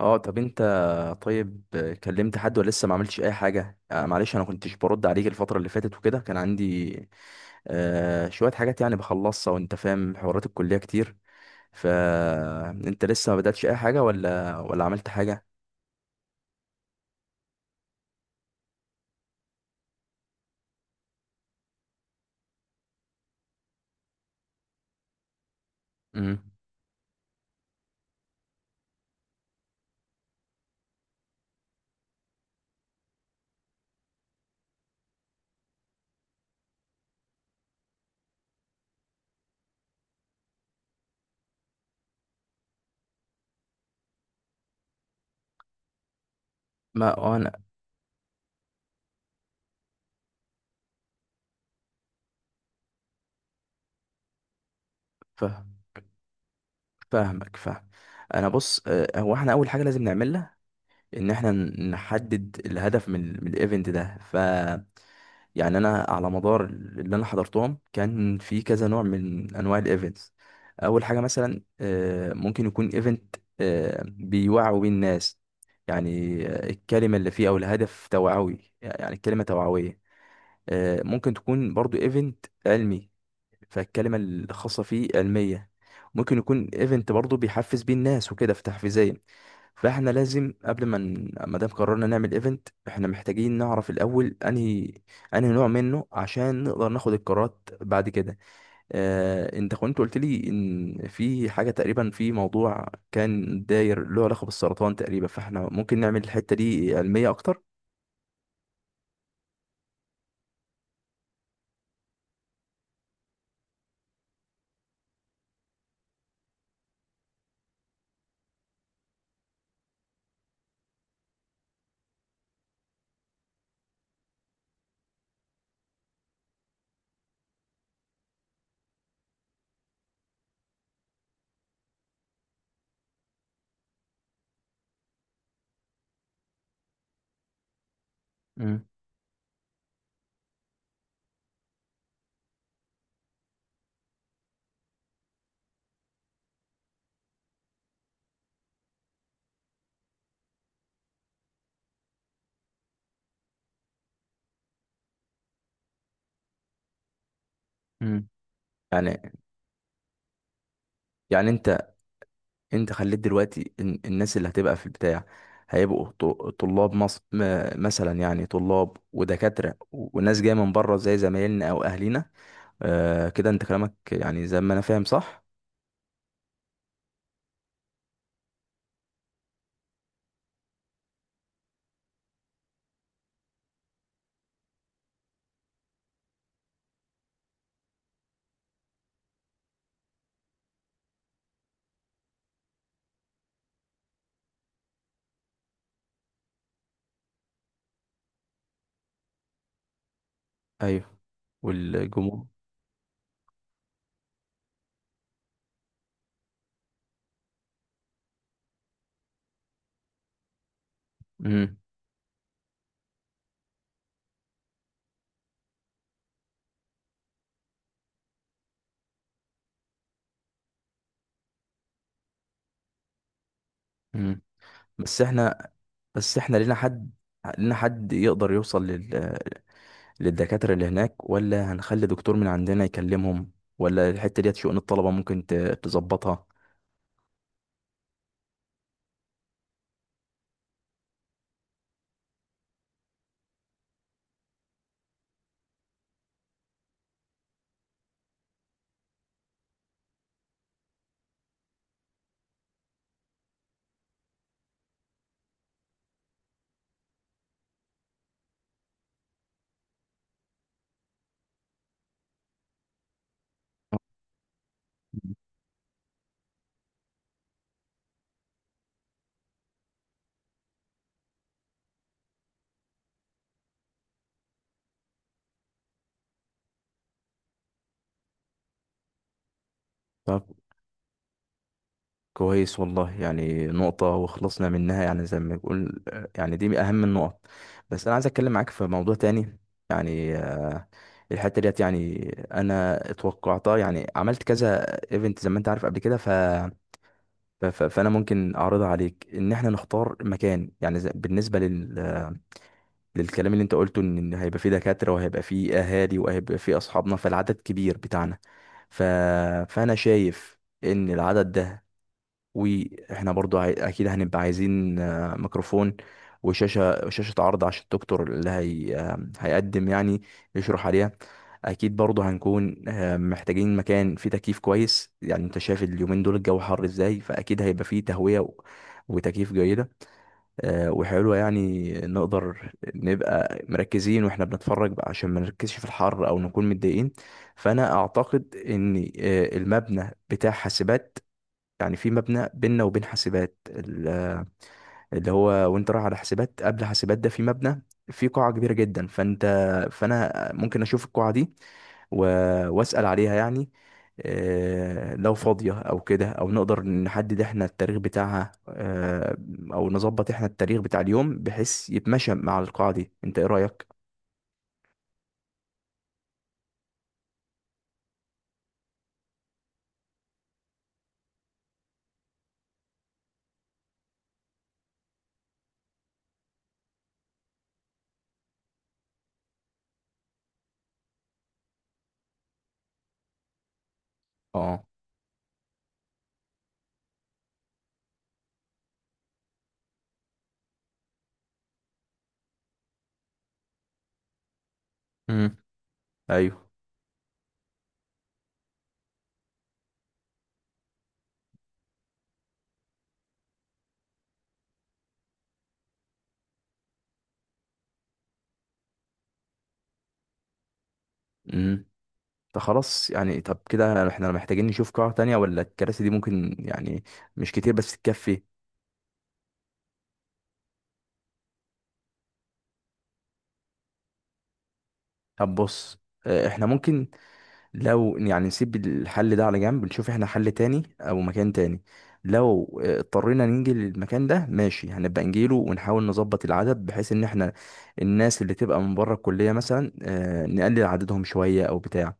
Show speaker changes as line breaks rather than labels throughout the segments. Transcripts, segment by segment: اه، طب انت، طيب، كلمت حد ولا لسه ما عملتش اي حاجه؟ آه، معلش، انا كنتش برد عليك الفتره اللي فاتت وكده، كان عندي شويه حاجات يعني بخلصها، وانت فاهم، حوارات الكليه كتير. فانت لسه ما بداتش اي حاجه ولا عملت حاجه؟ امم. ما اه انا فاهم، فاهمك. انا بص، هو احنا اول حاجه لازم نعملها ان احنا نحدد الهدف من من الايفنت ده. يعني انا على مدار اللي انا حضرتهم، كان في كذا نوع من انواع الايفنتس. اول حاجه مثلا، ممكن يكون ايفنت بيوعوا بيه الناس، يعني الكلمه اللي فيه او الهدف توعوي، يعني الكلمه توعويه. ممكن تكون برضو ايفنت علمي، فالكلمة الخاصة فيه علمية. ممكن يكون ايفنت برضه بيحفز بيه الناس وكده، في تحفيزيا. فاحنا لازم قبل ما ما دام قررنا نعمل ايفنت، احنا محتاجين نعرف الاول انهي نوع منه، عشان نقدر ناخد القرارات بعد كده. اه، انت كنت قلت لي ان في حاجة تقريبا، في موضوع كان داير له علاقة بالسرطان تقريبا، فاحنا ممكن نعمل الحتة دي علمية اكتر. مم. مم. يعني يعني انت خليت دلوقتي الناس اللي هتبقى في البتاع، طلاب مصر، مثلا يعني طلاب ودكاترة وناس جاية من بره زي زمايلنا او اهلينا. آه، كده انت كلامك يعني زي ما انا فاهم، صح؟ ايوه، والجمهور؟ امم. امم. بس احنا بس احنا لينا حد يقدر يوصل للدكاترة اللي هناك، ولا هنخلي دكتور من عندنا يكلمهم، ولا الحتة ديت شؤون الطلبة ممكن تظبطها؟ كويس، والله يعني نقطة وخلصنا منها، يعني زي ما بنقول، يعني دي من أهم النقط. بس أنا عايز أتكلم معاك في موضوع تاني، يعني الحتة ديت يعني أنا اتوقعتها، يعني عملت كذا ايفنت زي ما أنت عارف قبل كده. فأنا ممكن أعرضها عليك. إن إحنا نختار مكان، يعني زي، بالنسبة للكلام اللي أنت قلته، إن هيبقى فيه دكاترة وهيبقى فيه أهالي وهيبقى فيه أصحابنا، فالعدد كبير بتاعنا. ف... فأنا شايف إن العدد ده، واحنا برضو اكيد هنبقى عايزين ميكروفون، شاشة عرض عشان الدكتور اللي هي... آه، هيقدم، يعني يشرح عليها. اكيد برضو هنكون محتاجين مكان فيه تكييف كويس. يعني انت شايف اليومين دول الجو حر ازاي، فاكيد هيبقى فيه تهوية وتكييف جيدة وحلوة، يعني نقدر نبقى مركزين واحنا بنتفرج بقى، عشان ما نركزش في الحر او نكون متضايقين. فانا اعتقد ان المبنى بتاع حاسبات، يعني في مبنى بيننا وبين حاسبات، اللي هو وانت رايح على حاسبات، قبل حاسبات ده في مبنى، في قاعة كبيرة جدا. فانا ممكن اشوف القاعة دي و... واسأل عليها، يعني لو فاضية او كده، او نقدر نحدد احنا التاريخ بتاعها، او نظبط احنا التاريخ بتاع اليوم بحيث يتمشى مع القاعة دي. انت ايه رأيك؟ اه. مم. ايوه. امم. طب خلاص، يعني طب كده احنا محتاجين نشوف قاعة تانية، ولا الكراسي دي ممكن، يعني مش كتير بس تكفي؟ طب بص، احنا ممكن، لو يعني نسيب الحل ده على جنب، نشوف احنا حل تاني او مكان تاني. لو اضطرينا نيجي للمكان ده ماشي، هنبقى نجيله ونحاول نظبط العدد، بحيث ان احنا الناس اللي تبقى من بره الكلية مثلا نقلل عددهم شوية او بتاع،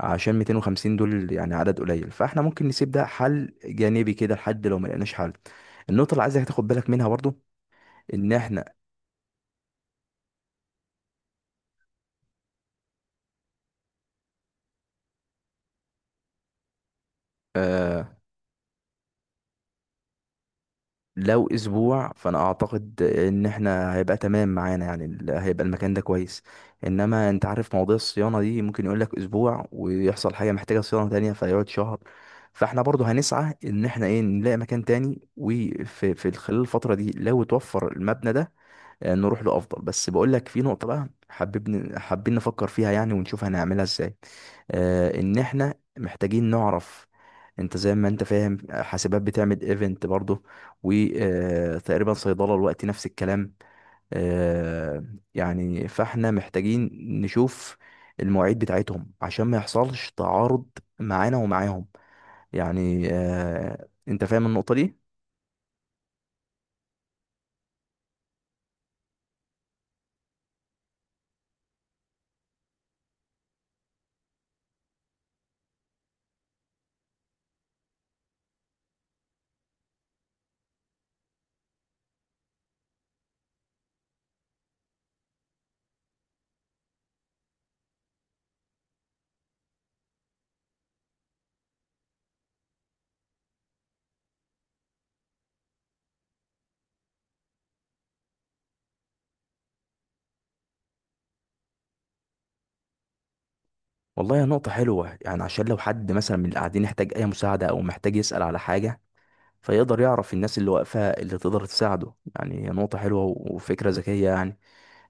عشان 250 دول يعني عدد قليل. فاحنا ممكن نسيب ده حل جانبي كده، لحد لو ما لقيناش حل. النقطة اللي عايزك تاخد بالك منها برضو ان احنا، آه، لو اسبوع فانا اعتقد ان احنا هيبقى تمام معانا، يعني هيبقى المكان ده كويس. انما انت عارف مواضيع الصيانة دي، ممكن يقول لك اسبوع ويحصل حاجة محتاجة صيانة تانية فيقعد شهر. فاحنا برضو هنسعى ان احنا ايه، نلاقي مكان تاني، وفي خلال الفترة دي لو توفر المبنى ده، نروح له افضل. بس بقول لك، في نقطه بقى حابين نفكر فيها، يعني ونشوف هنعملها ازاي. ان احنا محتاجين نعرف، انت زي ما انت فاهم حاسبات بتعمل ايفنت برضه، وتقريبا صيدله الوقت نفس الكلام. آه، يعني فاحنا محتاجين نشوف المواعيد بتاعتهم عشان ما يحصلش تعارض معانا ومعاهم. يعني انت فاهم النقطه دي؟ والله يا نقطة حلوة، يعني عشان لو حد مثلا من اللي قاعدين يحتاج أي مساعدة أو محتاج يسأل على حاجة، فيقدر يعرف الناس اللي واقفة اللي تقدر تساعده. يعني هي نقطة حلوة وفكرة ذكية يعني.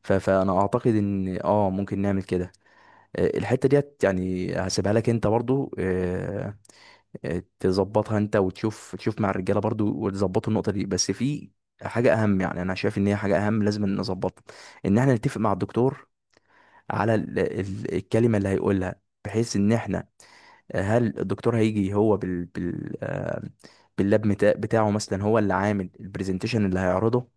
فأنا أعتقد إن آه ممكن نعمل كده. الحتة ديت يعني هسيبها لك أنت برضو، تظبطها أنت وتشوف، تشوف مع الرجالة برضو وتظبطوا النقطة دي. بس في حاجة أهم، يعني أنا شايف إن هي حاجة أهم لازم نظبطها، إن إحنا نتفق مع الدكتور على الكلمة اللي هيقولها، بحيث إن إحنا هل الدكتور هيجي هو بتاعه مثلا، هو اللي عامل البرزنتيشن اللي هيعرضه،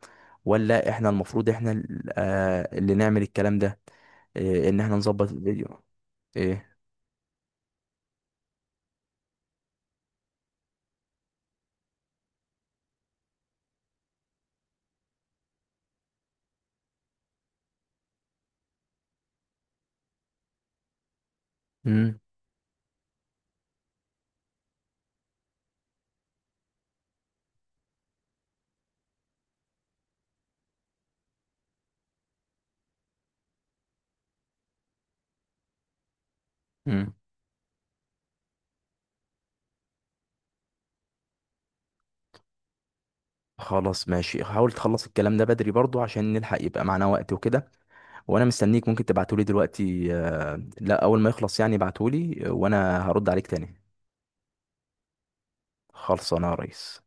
ولا احنا المفروض احنا اللي نعمل الكلام ده، إيه، ان احنا نظبط الفيديو؟ ايه. امم. امم. خلاص ماشي، حاول تخلص الكلام ده بدري برضو عشان نلحق يبقى معانا وقت وكده. وانا مستنيك، ممكن تبعتولي دلوقتي، لا اول ما يخلص يعني ابعتولي، وانا هرد عليك تاني. خلصانه يا ريس.